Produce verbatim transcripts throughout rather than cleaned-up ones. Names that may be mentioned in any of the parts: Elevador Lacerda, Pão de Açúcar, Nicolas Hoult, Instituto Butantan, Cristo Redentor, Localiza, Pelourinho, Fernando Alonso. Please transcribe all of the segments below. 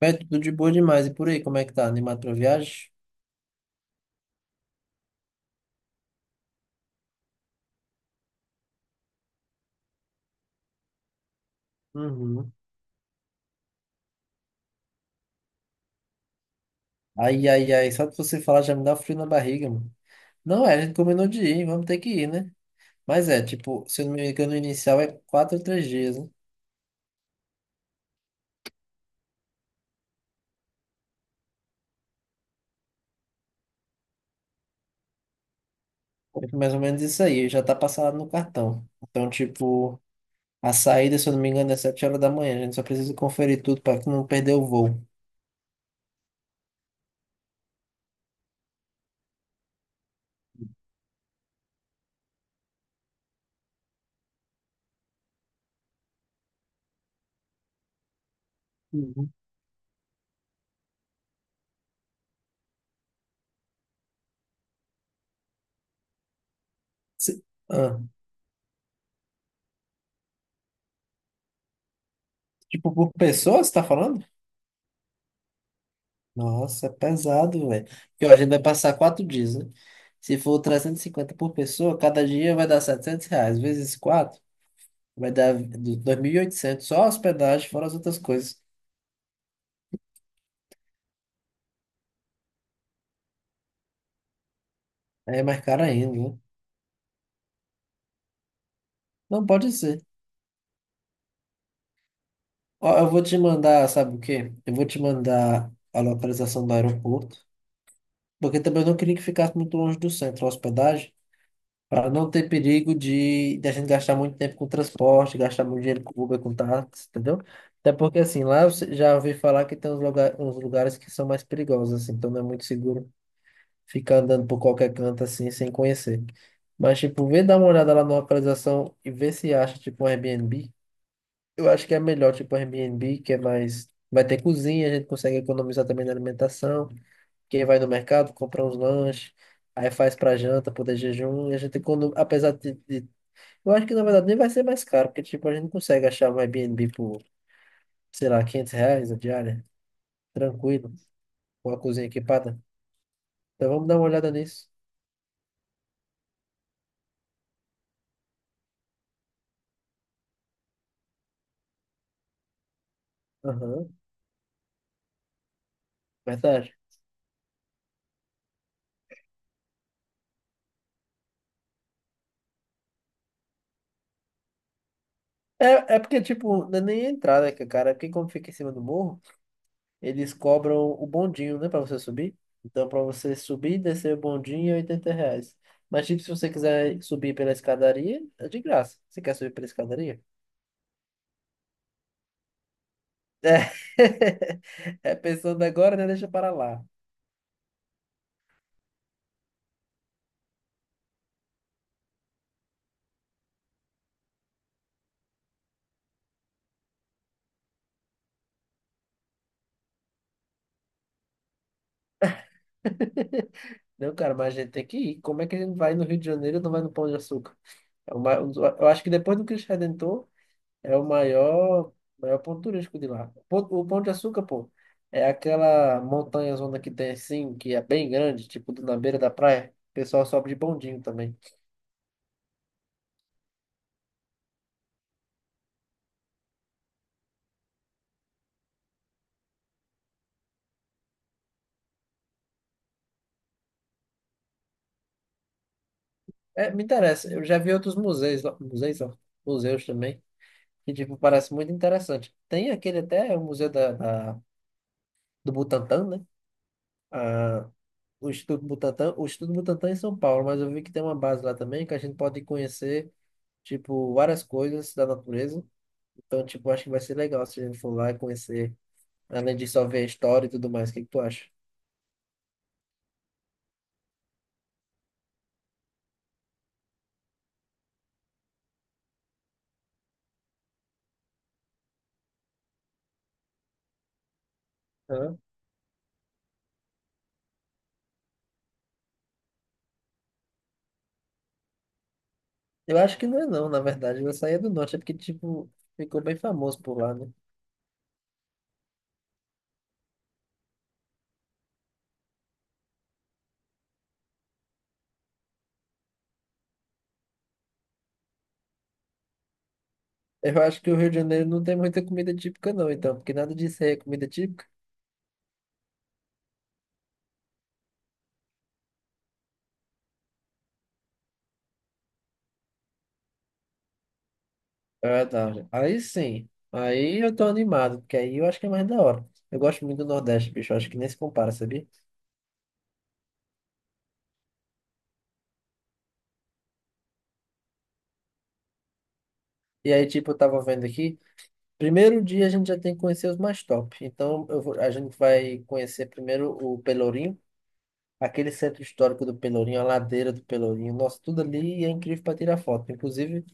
É tudo de boa demais. E por aí, como é que tá? Animado pra viagem? Uhum. Ai, ai, ai. Só de você falar já me dá um frio na barriga, mano. Não é, a gente combinou de ir, vamos ter que ir, né? Mas é, tipo, se eu não me engano, o inicial é quatro ou três dias, né? É mais ou menos isso aí, já tá passado no cartão. Então, tipo, a saída, se eu não me engano, é sete horas da manhã. A gente só precisa conferir tudo pra não perder o voo. Uhum. Se- ah, tipo, por pessoa, você tá falando? Nossa, é pesado, velho. Porque ó, a gente vai passar quatro dias, né? Se for trezentos e cinquenta por pessoa, cada dia vai dar setecentos reais. Vezes quatro, vai dar do- dois mil e oitocentos. Só a hospedagem, fora as outras coisas. Aí é mais caro ainda, né? Não pode ser. Ó, eu vou te mandar, sabe o quê? Eu vou te mandar a localização do aeroporto. Porque também eu não queria que ficasse muito longe do centro a hospedagem. Para não ter perigo de, de a gente gastar muito tempo com transporte, gastar muito dinheiro com Uber, com táxi, entendeu? Até porque, assim, lá eu se- já ouvi falar que tem uns, lugar, uns lugares que são mais perigosos, assim, então não é muito seguro ficar andando por qualquer canto, assim, sem conhecer. Mas, tipo, vê dar uma olhada lá na localização e vê se acha, tipo, um Airbnb. Eu acho que é melhor, tipo, um Airbnb, que é mais... Vai ter cozinha, a gente consegue economizar também na alimentação. Quem vai no mercado, compra uns lanches. Aí faz pra janta, poder jejum, e a gente, econo- apesar de, de eu acho que na verdade nem vai ser mais caro, porque tipo, a gente consegue achar um Airbnb por, sei lá, quinhentos reais a diária, tranquilo, com a cozinha equipada. Então vamos dar uma olhada nisso. Aham, verdade. É, é porque, tipo, não é nem a entrada, que, cara, porque como fica em cima do morro, eles cobram o bondinho, né, pra você subir. Então, pra você subir e descer o bondinho é oitenta reais. Mas, tipo, se você quiser subir pela escadaria, é de graça. Você quer subir pela escadaria? É, é pensando agora, né, deixa para lá. Não, cara, mas a gente tem que ir. Como é que a gente vai no Rio de Janeiro e não vai no Pão de Açúcar? É o ma- um dos- Eu acho que depois do Cristo Redentor é o maior, maior ponto turístico de lá. O Pão O Pão de Açúcar, pô, é aquela montanha zona que tem assim, que é bem grande, tipo na beira da praia. O pessoal sobe de bondinho também. É, me interessa. Eu já vi outros museus, lá- museus, ó, museus também, que tipo, parece muito interessante. Tem aquele até, o Museu da, da- do Butantã, né? Ah, o Instituto Butantan, o Instituto Butantan é em São Paulo, mas eu vi que tem uma base lá também que a gente pode conhecer, tipo, várias coisas da natureza. Então, tipo, acho que vai ser legal se a gente for lá e conhecer, além de só ver a história e tudo mais. O que que tu acha? Hã? Eu acho que não é não, na verdade, eu saía do norte, é porque, tipo, ficou bem famoso por lá, né? Eu acho que o Rio de Janeiro não tem muita comida típica não, então, porque nada disso aí é comida típica. Ah, tá. Aí sim, aí eu tô animado, porque aí eu acho que é mais da hora. Eu gosto muito do Nordeste, bicho, eu acho que nem se compara, sabia? E aí, tipo, eu tava vendo aqui. Primeiro dia a gente já tem que conhecer os mais top. Então, eu vou- a gente vai conhecer primeiro o Pelourinho, aquele centro histórico do Pelourinho, a ladeira do Pelourinho. Nossa, tudo ali é incrível para tirar foto. Inclusive,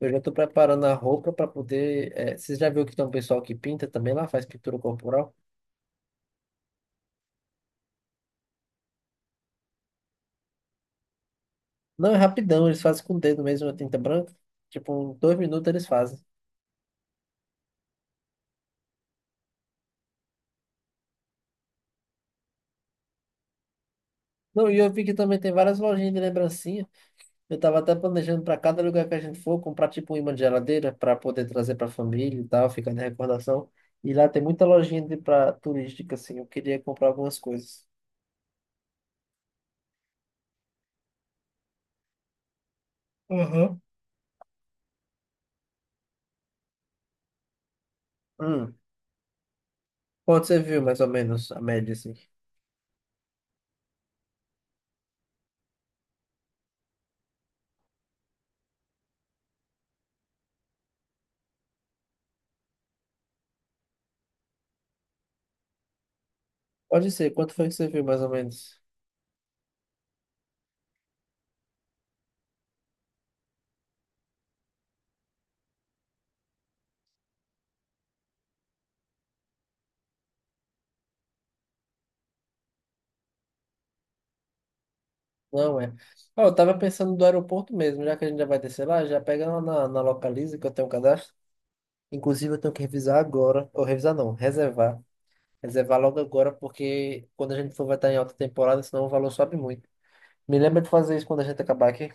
eu já tô preparando a roupa para poder. eh, vocês já viram que tem um pessoal que pinta também lá, faz pintura corporal? Não, é rapidão, eles fazem com o dedo mesmo, a tinta branca. Tipo, em dois minutos eles fazem. Não, e eu vi que também tem várias lojinhas de lembrancinha. Eu tava até planejando para cada lugar que a gente for comprar tipo um imã de geladeira para poder trazer para a família e tal, ficar na recordação. E lá tem muita lojinha de pra turística assim. Eu queria comprar algumas coisas. Aham. Hum, quanto você viu mais ou menos a média assim? Pode ser, quanto foi que você viu mais ou menos? Não é. Ó, eu tava pensando do aeroporto mesmo, já que a gente já vai descer lá, já pega lá na, na Localiza que eu tenho um cadastro. Inclusive eu tenho que revisar agora, ou revisar não, reservar. Reservar logo agora, porque quando a gente for vai estar em alta temporada, senão o valor sobe muito. Me lembra de fazer isso quando a gente acabar aqui.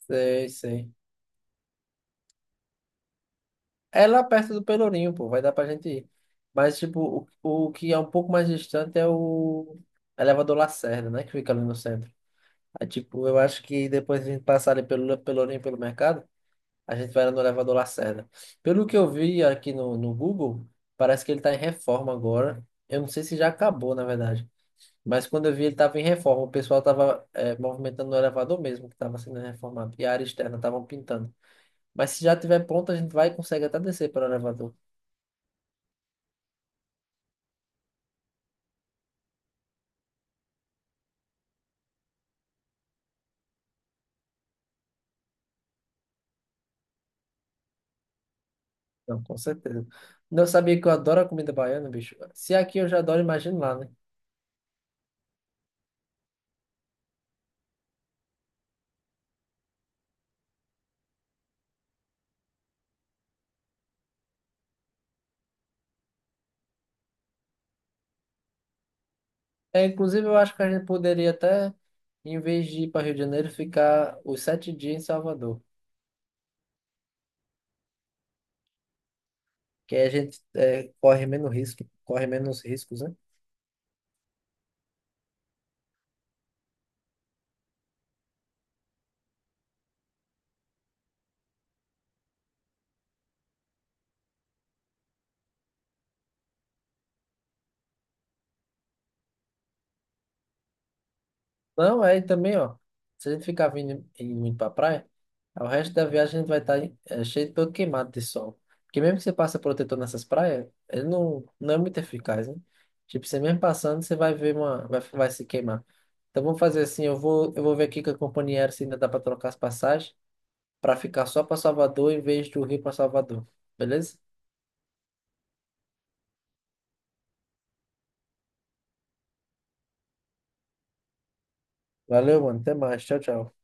Sei, sei. É lá perto do Pelourinho, pô, vai dar pra gente ir. Mas, tipo, o, o que é um pouco mais distante é o elevador Lacerda, né? Que fica ali no centro. Aí, tipo, eu acho que depois a gente passar ali pelo Le- Pelourinho, pelo mercado, a gente vai lá no elevador Lacerda. Pelo que eu vi aqui no, no Google, parece que ele tá em reforma agora. Eu não sei se já acabou, na verdade. Mas quando eu vi, ele tava em reforma. O pessoal tava eh, movimentando o elevador mesmo, que tava sendo reformado. E a área externa estavam pintando. Mas se já tiver pronto, a gente vai e consegue até descer para o elevador. Não, com certeza. Não sabia que eu adoro a comida baiana, bicho. Se é aqui eu já adoro, imagina lá, né? É, inclusive, eu acho que a gente poderia até, em vez de ir para Rio de Janeiro, ficar os sete dias em Salvador. Que aí a gente é, corre menos risco, corre menos riscos, né? Não, é também, ó. Se a gente ficar vindo indo muito pra praia, o resto da viagem a gente vai estar é, cheio de todo queimado de sol. Porque mesmo que você passe protetor nessas praias, ele não, não é muito eficaz, né? Tipo, você mesmo passando, você vai ver uma. Vai, vai se queimar. Então vamos fazer assim, eu vou, eu vou ver aqui com a companhia aérea se ainda dá pra trocar as passagens pra ficar só pra Salvador em vez do Rio pra Salvador. Beleza? Valeu, mano. Até mais. Tchau, tchau.